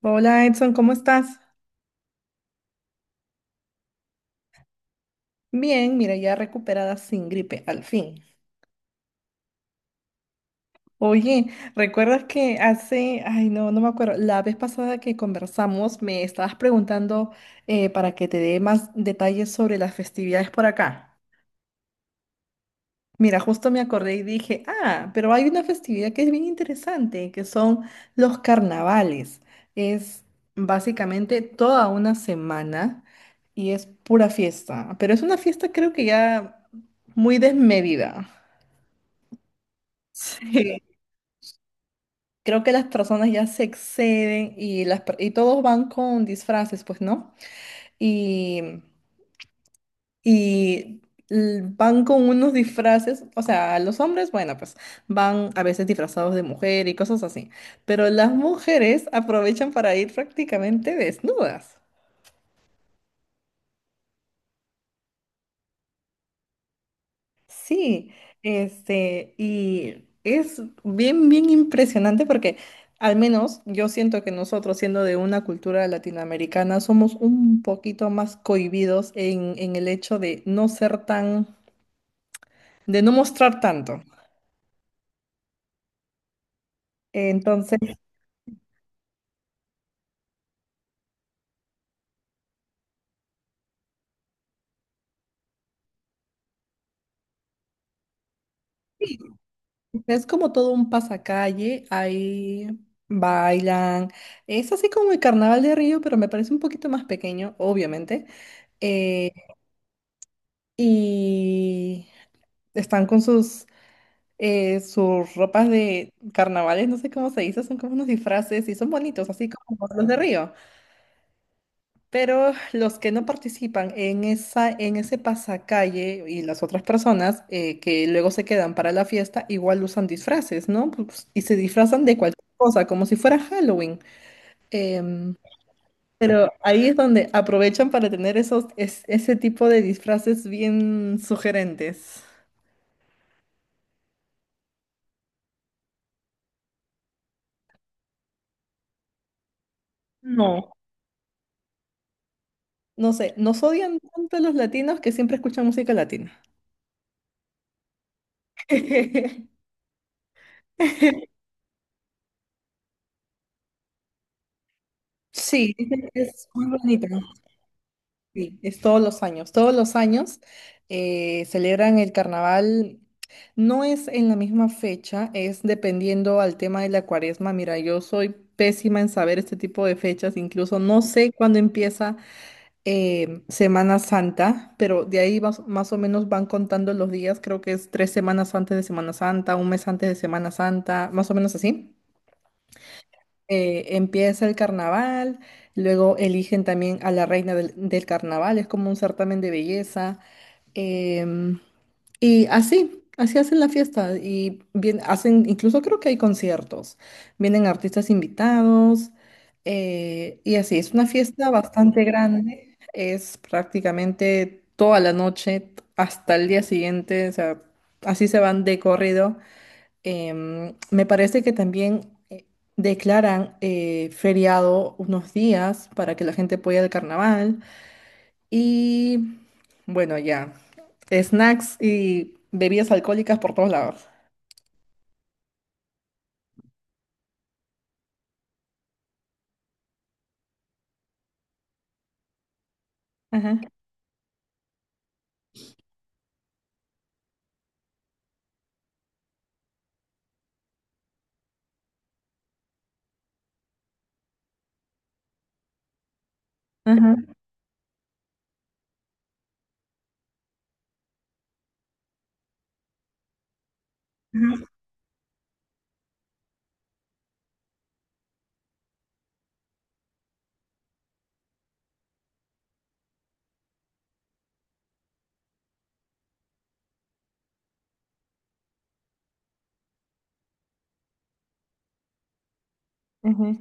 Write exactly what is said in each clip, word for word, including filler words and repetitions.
Hola Edson, ¿cómo estás? Bien, mira, ya recuperada sin gripe, al fin. Oye, ¿recuerdas que hace, ay no, no me acuerdo, la vez pasada que conversamos me estabas preguntando eh, para que te dé más detalles sobre las festividades por acá? Mira, justo me acordé y dije, ah, pero hay una festividad que es bien interesante, que son los carnavales. Es básicamente toda una semana y es pura fiesta, pero es una fiesta creo que ya muy desmedida. Sí. Creo que las personas ya se exceden y, las, per- y todos van con disfraces, pues, ¿no? Y Y l- Van con unos disfraces, o sea, los hombres, bueno, pues van a veces disfrazados de mujer y cosas así, pero las mujeres aprovechan para ir prácticamente desnudas. Sí, este, y es bien, bien impresionante porque al menos yo siento que nosotros, siendo de una cultura latinoamericana, somos un poquito más cohibidos en, en el hecho de no ser tan, de no mostrar tanto. Entonces, es como todo un pasacalle, ahí bailan. Es así como el Carnaval de Río, pero me parece un poquito más pequeño, obviamente. Eh, y están con sus, eh, sus ropas de carnavales, no sé cómo se dice, son como unos disfraces y son bonitos, así como los de Río. Pero los que no participan en esa, en ese pasacalle y las otras personas eh, que luego se quedan para la fiesta, igual usan disfraces, ¿no? Pues, y se disfrazan de cualquier cosa, como si fuera Halloween. Em, pero ahí es donde aprovechan para tener esos, es- ese tipo de disfraces bien sugerentes. No, no sé, nos odian tanto los latinos que siempre escuchan música latina. Sí, dicen que es muy bonita. Sí, es todos los años. Todos los años eh, celebran el carnaval. No es en la misma fecha, es dependiendo al tema de la cuaresma. Mira, yo soy pésima en saber este tipo de fechas, incluso no sé cuándo empieza eh, Semana Santa, pero de ahí vas- más o menos van contando los días. Creo que es tres semanas antes de Semana Santa, un mes antes de Semana Santa, más o menos así eh, empieza el carnaval, luego eligen también a la reina del, del carnaval, es como un certamen de belleza. em, y así, así hacen la fiesta. Y bien, hacen, incluso creo que hay conciertos. Vienen artistas invitados. Eh, y así, es una fiesta bastante grande. Es prácticamente toda la noche hasta el día siguiente. O sea, así se van de corrido. Em, me parece que también eh, declaran eh, feriado unos días para que la gente pueda ir al carnaval. Y bueno, ya, snacks y bebidas alcohólicas por todos lados. Ajá, ajá, ajá, ajá.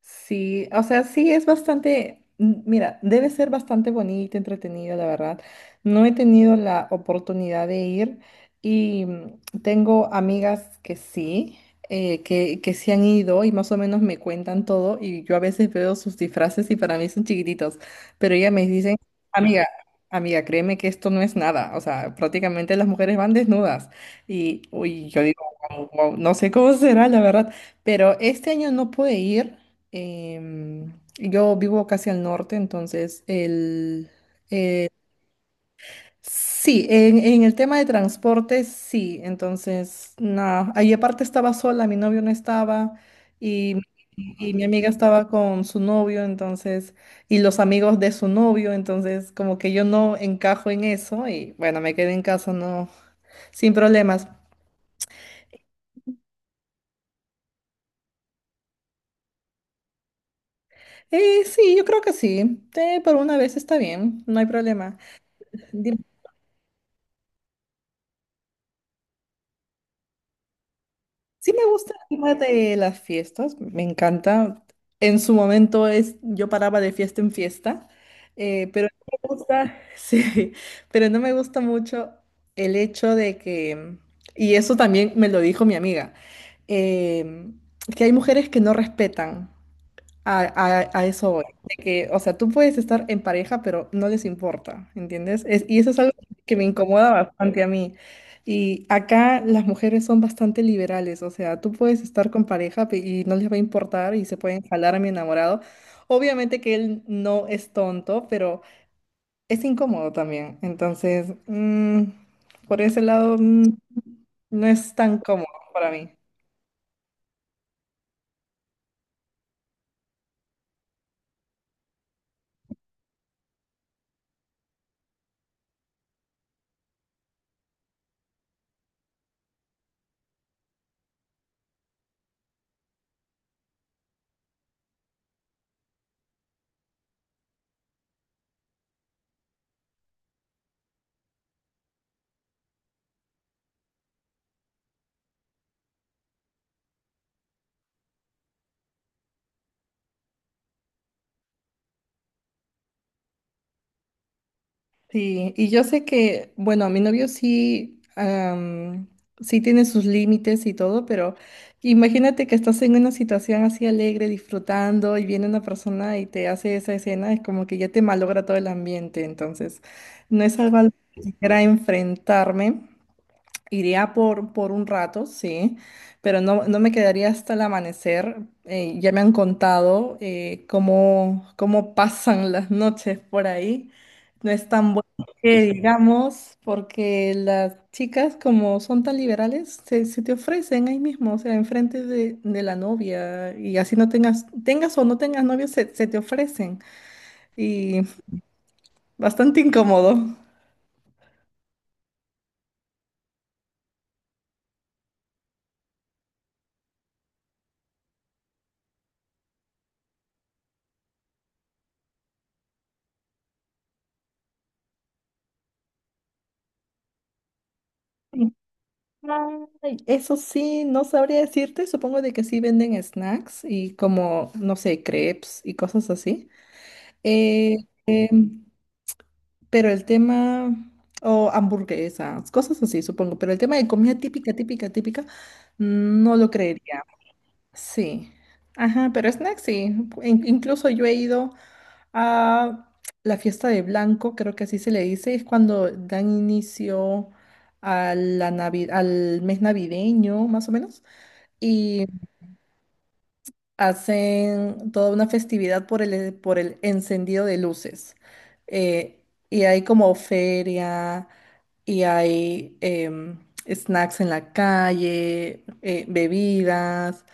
Sí, o sea, sí es bastante, m- mira, debe ser bastante bonito, entretenido, la verdad. No he tenido la oportunidad de ir y mm, tengo amigas que sí, eh, que, que sí han ido y más o menos me cuentan todo y yo a veces veo sus disfraces y para mí son chiquititos, pero ellas me dicen, amiga, amiga, créeme que esto no es nada, o sea, prácticamente las mujeres van desnudas y uy, yo digo, "Guau, guau", no sé cómo será, la verdad, pero este año no pude ir. Em, yo vivo casi al norte, entonces el... Sí, en, en el tema de transporte, sí. Entonces, nada, ahí aparte estaba sola, mi novio no estaba y, y mi amiga estaba con su novio, entonces, y los amigos de su novio, entonces como que yo no encajo en eso y bueno, me quedé en casa, no, sin problemas. Eh, sí, yo creo que sí. Eh, por una vez está bien, no hay problema. Sí me gusta el tema de las fiestas, me encanta. En su momento es, yo paraba de fiesta en fiesta, eh, pero no me gusta, sí, pero no me gusta mucho el hecho de que, y eso también me lo dijo mi amiga, eh, que hay mujeres que no respetan. A, a- a eso voy. De que, o sea, tú puedes estar en pareja, pero no les importa, ¿entiendes? Es- y eso es algo que me incomoda bastante a mí. Y acá las mujeres son bastante liberales, o sea, tú puedes estar con pareja pe- y no les va a importar y se pueden jalar a mi enamorado. Obviamente que él no es tonto, pero es incómodo también. Entonces, mm, por ese lado, mm, no es tan cómodo para mí. Sí, y yo sé que, bueno, mi novio sí, am, sí tiene sus límites y todo, pero imagínate que estás en una situación así alegre, disfrutando, y viene una persona y te hace esa escena, es como que ya te malogra todo el ambiente, entonces no es algo a lo que quisiera enfrentarme. Iría por, por un rato, sí, pero no, no me quedaría hasta el amanecer. Eh, ya me han contado eh, cómo, cómo pasan las noches por ahí. No es tan bueno que digamos, porque las chicas, como son tan liberales, se, se te ofrecen ahí mismo, o sea, enfrente de, de la novia, y así no tengas, tengas o no tengas novio, se, se te ofrecen. Y bastante incómodo. Ay, eso sí, no sabría decirte, supongo de que sí venden snacks y como, no sé, crepes y cosas así. Eh, pero el tema, o hamburguesas, cosas así, supongo, pero el tema de comida típica, típica, típica, no lo creería. Sí. Ajá, pero snacks sí. In- incluso yo he ido a la fiesta de Blanco, creo que así se le dice, es cuando dan inicio a la Navi- al mes navideño, más o menos y hacen toda una festividad por el, por el encendido de luces. Eh, y hay como feria y hay em, snacks en la calle, eh, bebidas,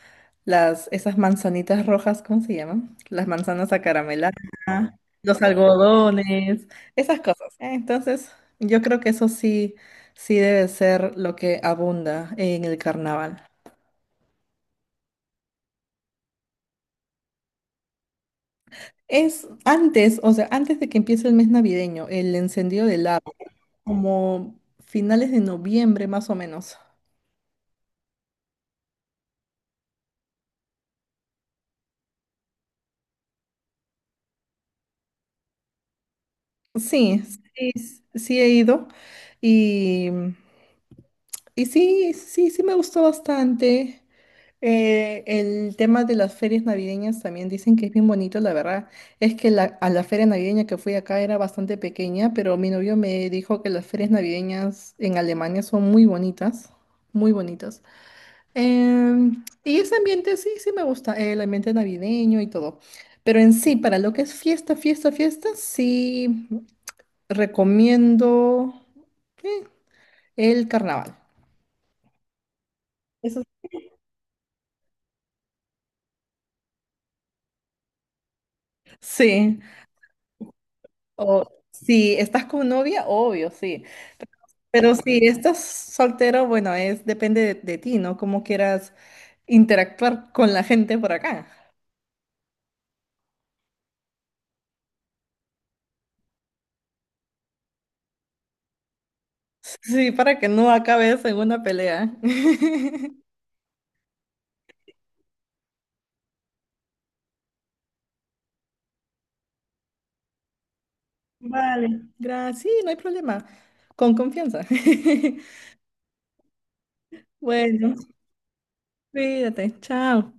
las, esas manzanitas rojas, ¿cómo se llaman? Las manzanas acarameladas, ajá. Los algodones, esas cosas. Eh, Entonces, yo creo que eso sí, sí debe ser lo que abunda en el carnaval. Es antes, o sea, antes de que empiece el mes navideño, el encendido del lago, como finales de noviembre más o menos. Sí, sí, s- sí he ido y, y sí, sí, sí me gustó bastante. Eh, el tema de las ferias navideñas también dicen que es bien bonito, la verdad. Es que la- a la feria navideña que fui acá era bastante pequeña, pero mi novio me dijo que las ferias navideñas en Alemania son muy bonitas, muy bonitas. Em, y ese ambiente sí, sí me gusta, el ambiente navideño y todo. Pero en sí, para lo que es fiesta, fiesta, fiesta, sí recomiendo eh, el carnaval. Eso sí. O si estás con novia, obvio, sí. Pero si estás soltero, bueno, es depende de, de ti, ¿no? Cómo quieras interactuar con la gente por acá. Sí, para que no acabes en una pelea. Vale, gracias. Sí, no hay problema. Con confianza. Bueno, cuídate. Chao.